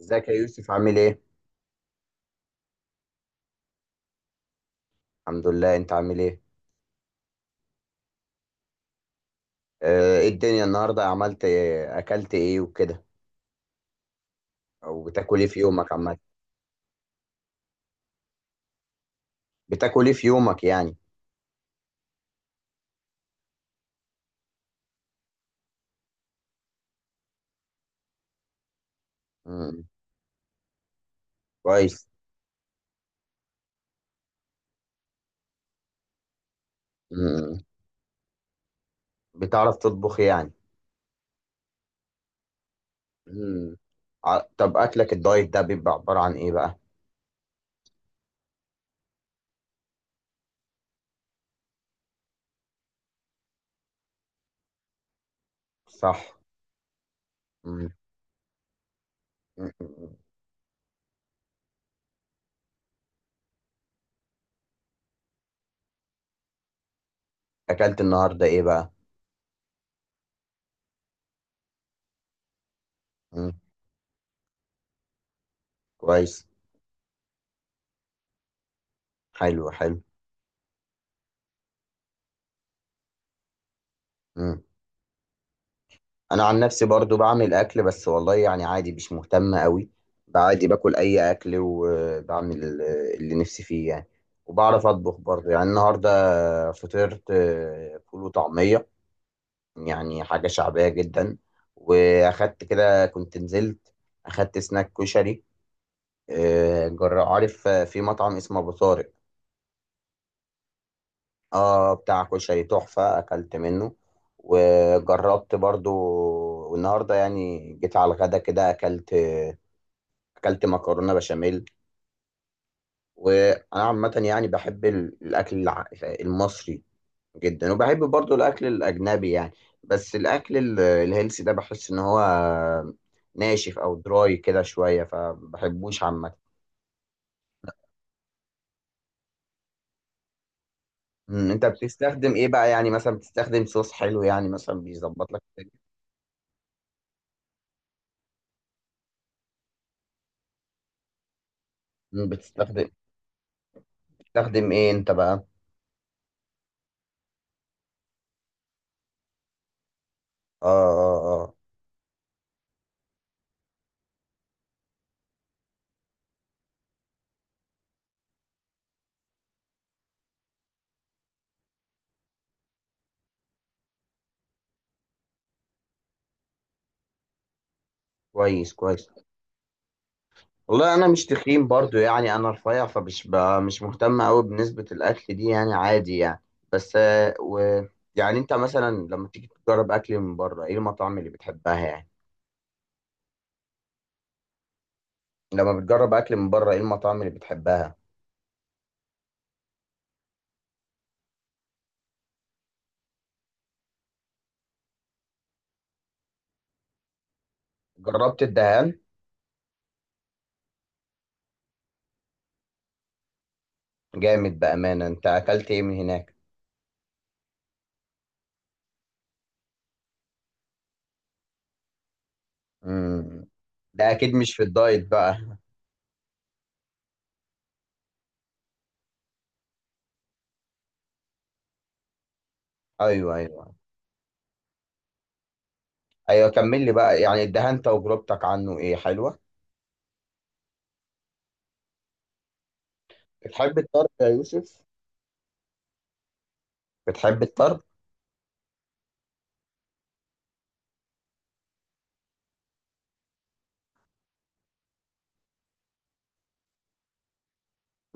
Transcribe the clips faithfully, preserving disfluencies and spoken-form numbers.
ازيك يا يوسف؟ عامل ايه؟ الحمد لله. انت عامل ايه؟ اه ايه الدنيا النهارده؟ عملت ايه؟ اكلت ايه وكده؟ او بتاكل ايه في يومك عامة؟ بتاكل ايه في يومك يعني؟ مم. كويس. مم. بتعرف تطبخ يعني؟ مم. ع- طب اكلك الدايت ده بيبقى عبارة عن ايه بقى؟ صح. مم. مم. اكلت النهارده ايه بقى؟ مم. كويس. حلو حلو. مم. انا عن نفسي برضو بعمل اكل، بس والله يعني عادي، مش مهتم قوي. عادي باكل اي اكل، وبعمل اللي نفسي فيه يعني. وبعرف اطبخ برضو يعني. النهارده فطرت آه، فول وطعميه، يعني حاجه شعبيه جدا. واخدت كده، كنت نزلت، اخدت سناك كشري، آه، جر عارف، آه، في مطعم اسمه ابو طارق. اه بتاع كشري تحفه، اكلت منه وجربت برضو. والنهارده يعني جيت على الغدا كده، اكلت، اكلت مكرونه بشاميل. وانا عامه يعني بحب ال- الاكل الع- المصري جدا، وبحب برضو الاكل الاجنبي يعني. بس الاكل ال- الهيلثي ده بحس ان هو ناشف او دراي كده شويه، فبحبوش عامه. أمم، انت بتستخدم ايه بقى؟ يعني مثلا بتستخدم صوص حلو يعني مثلا بيظبط لك الدنيا؟ أمم، بتستخدم بتستخدم ايه انت بقى؟ اه اه اه. آه. كويس كويس. والله انا مش تخين برضو، يعني انا رفيع، فمش ب- مش مهتم قوي بنسبة الاكل دي يعني، عادي يعني. بس آه، و يعني انت مثلا لما تيجي تجرب اكل من بره، ايه المطاعم اللي بتحبها يعني؟ لما بتجرب اكل من بره ايه المطاعم اللي بتحبها؟ جربت الدهان؟ جامد بأمانة. انت اكلت ايه من هناك؟ امم. ده اكيد مش في الدايت بقى. ايوه ايوه. ايوه كمل لي بقى، يعني الدهان تجربتك عنه ايه، حلوة؟ بتحب الطرب يا يوسف؟ بتحب الطرب؟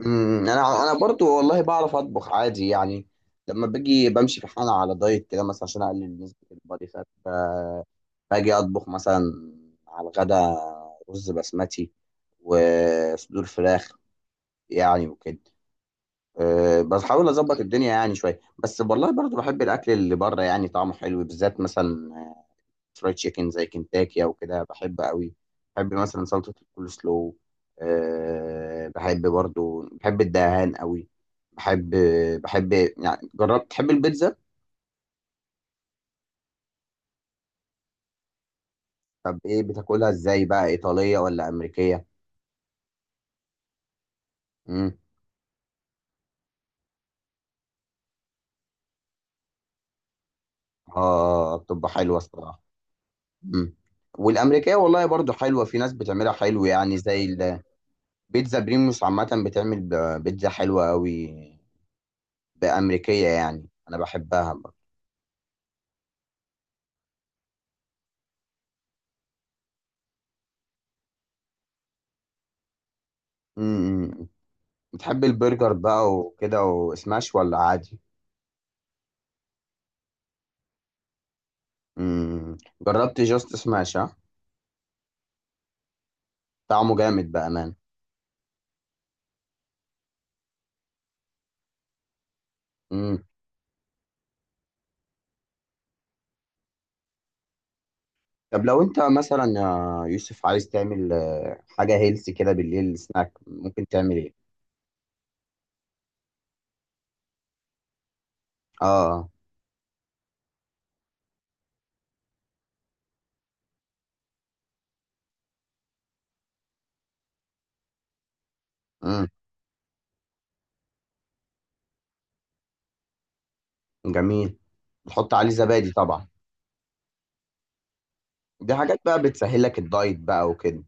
امم. انا انا برضو والله بعرف اطبخ عادي يعني. لما باجي بمشي في حالة على دايت كده مثلا عشان اقلل نسبة البادي فات، ب- باجي اطبخ مثلا على الغدا، رز بسمتي وصدور فراخ يعني وكده. أه، بحاول اظبط الدنيا يعني شوية. بس والله برضو بحب الاكل اللي بره يعني، طعمه حلو. بالذات مثلا فرايد تشيكن زي كنتاكي او كده، بحب قوي. بحب مثلا سلطه الكول سلو. أه بحب برضو، بحب الدهان قوي. بحب، بحب يعني. جربت تحب البيتزا؟ طب ايه بتاكلها ازاي بقى، ايطاليه ولا امريكيه؟ امم. اه بتبقى حلوه الصراحه. امم. والامريكيه والله برضو حلوه، في ناس بتعملها حلو يعني. زي البيتزا بريموس عامه، بتعمل ب- بيتزا حلوه قوي بامريكيه يعني، انا بحبها برضو. امم. بتحب البرجر بقى وكده، وسماش ولا عادي؟ امم. جربت جاست سماش؟ ها، طعمه جامد بأمان. امم. طب لو انت مثلا يا يوسف عايز تعمل آه، حاجة هيلث كده بالليل، سناك، ممكن تعمل ايه؟ اه. امم. جميل. تحط عليه زبادي طبعا. دي حاجات بقى بتسهل لك الدايت بقى وكده.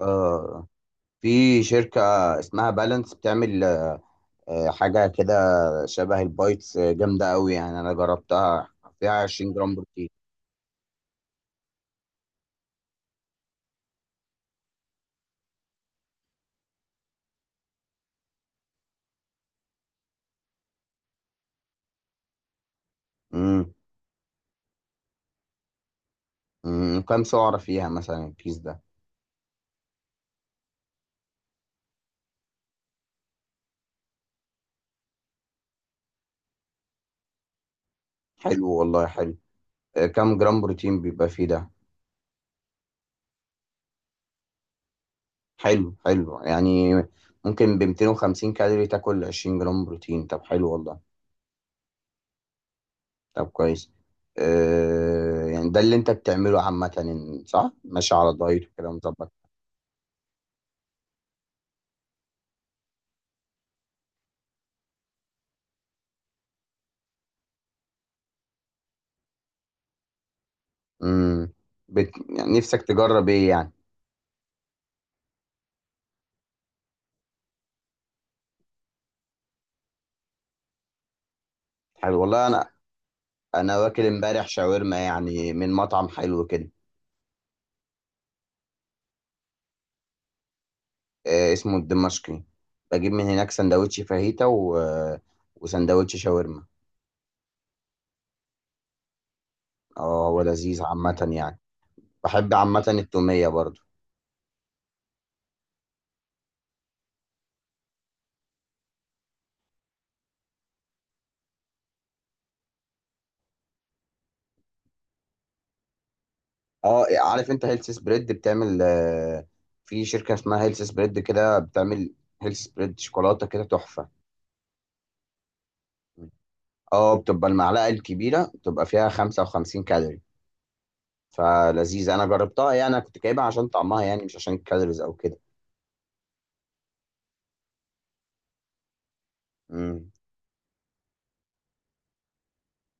آه، في شركة اسمها بالانس بتعمل آه، آه، حاجة كده شبه البايتس، آه، جامدة قوي يعني، انا جربتها، فيها عشرين جرام بروتين جرام بروتين. امم. أمم. كام سعرة فيها مثلا الكيس ده؟ حلو والله، حلو. آه، كام جرام بروتين بيبقى فيه ده؟ حلو، حلو يعني. ممكن ب 250 كالوري تاكل 20 جرام بروتين؟ طب حلو والله. طب كويس. أه يعني ده اللي انت بتعمله عامة. إن- صح، ماشي على دايت وكده مظبط. امم. بت... يعني نفسك تجرب ايه يعني؟ حلو والله. انا انا واكل امبارح شاورما، يعني من مطعم حلو كده. آه، اسمه الدمشقي. بجيب من هناك سندوتش فاهيتا و... آه، وسندوتش شاورما. اه هو لذيذ عامة يعني. بحب عامة التومية برضو. اه عارف انت هيلث سبريد بتعمل آه، في شركة اسمها هيلث سبريد كده بتعمل، هيلث سبريد شوكولاتة كده تحفة. اه بتبقى المعلقة الكبيرة بتبقى فيها 55 كالوري، فلذيذة. انا جربتها، يعني انا كنت جايبها عشان طعمها يعني، مش عشان الكالوريز او كده. امم.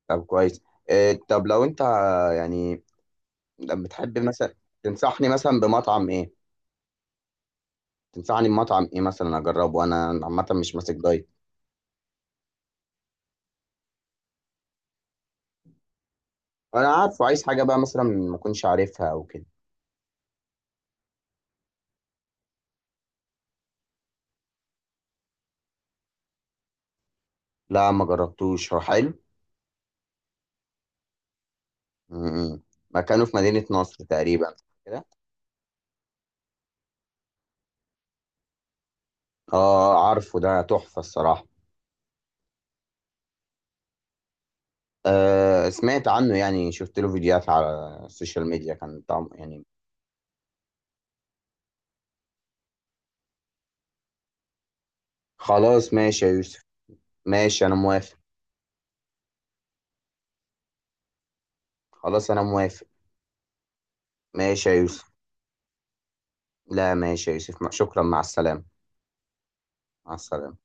طب كويس. إيه؟ طب لو انت، يعني، طب بتحب مثلا؟ تنصحني مثلا بمطعم ايه؟ تنصحني بمطعم ايه مثلا اجربه؟ انا عامه مش ماسك دايت. انا عارفه. عايز حاجه بقى مثلا ما اكونش عارفها او كده. لا ما جربتوش، هو حلو؟ م-م. مكانه في مدينه نصر تقريبا كده. اه عارفه، ده تحفه الصراحه. آه سمعت عنه يعني، شفت له فيديوهات على السوشيال ميديا، كان طعم يعني. خلاص ماشي يا يوسف. ماشي انا موافق. خلاص انا موافق. ماشي يا يوسف. لا ماشي يا يوسف، شكرا. مع السلامه. مع السلامه.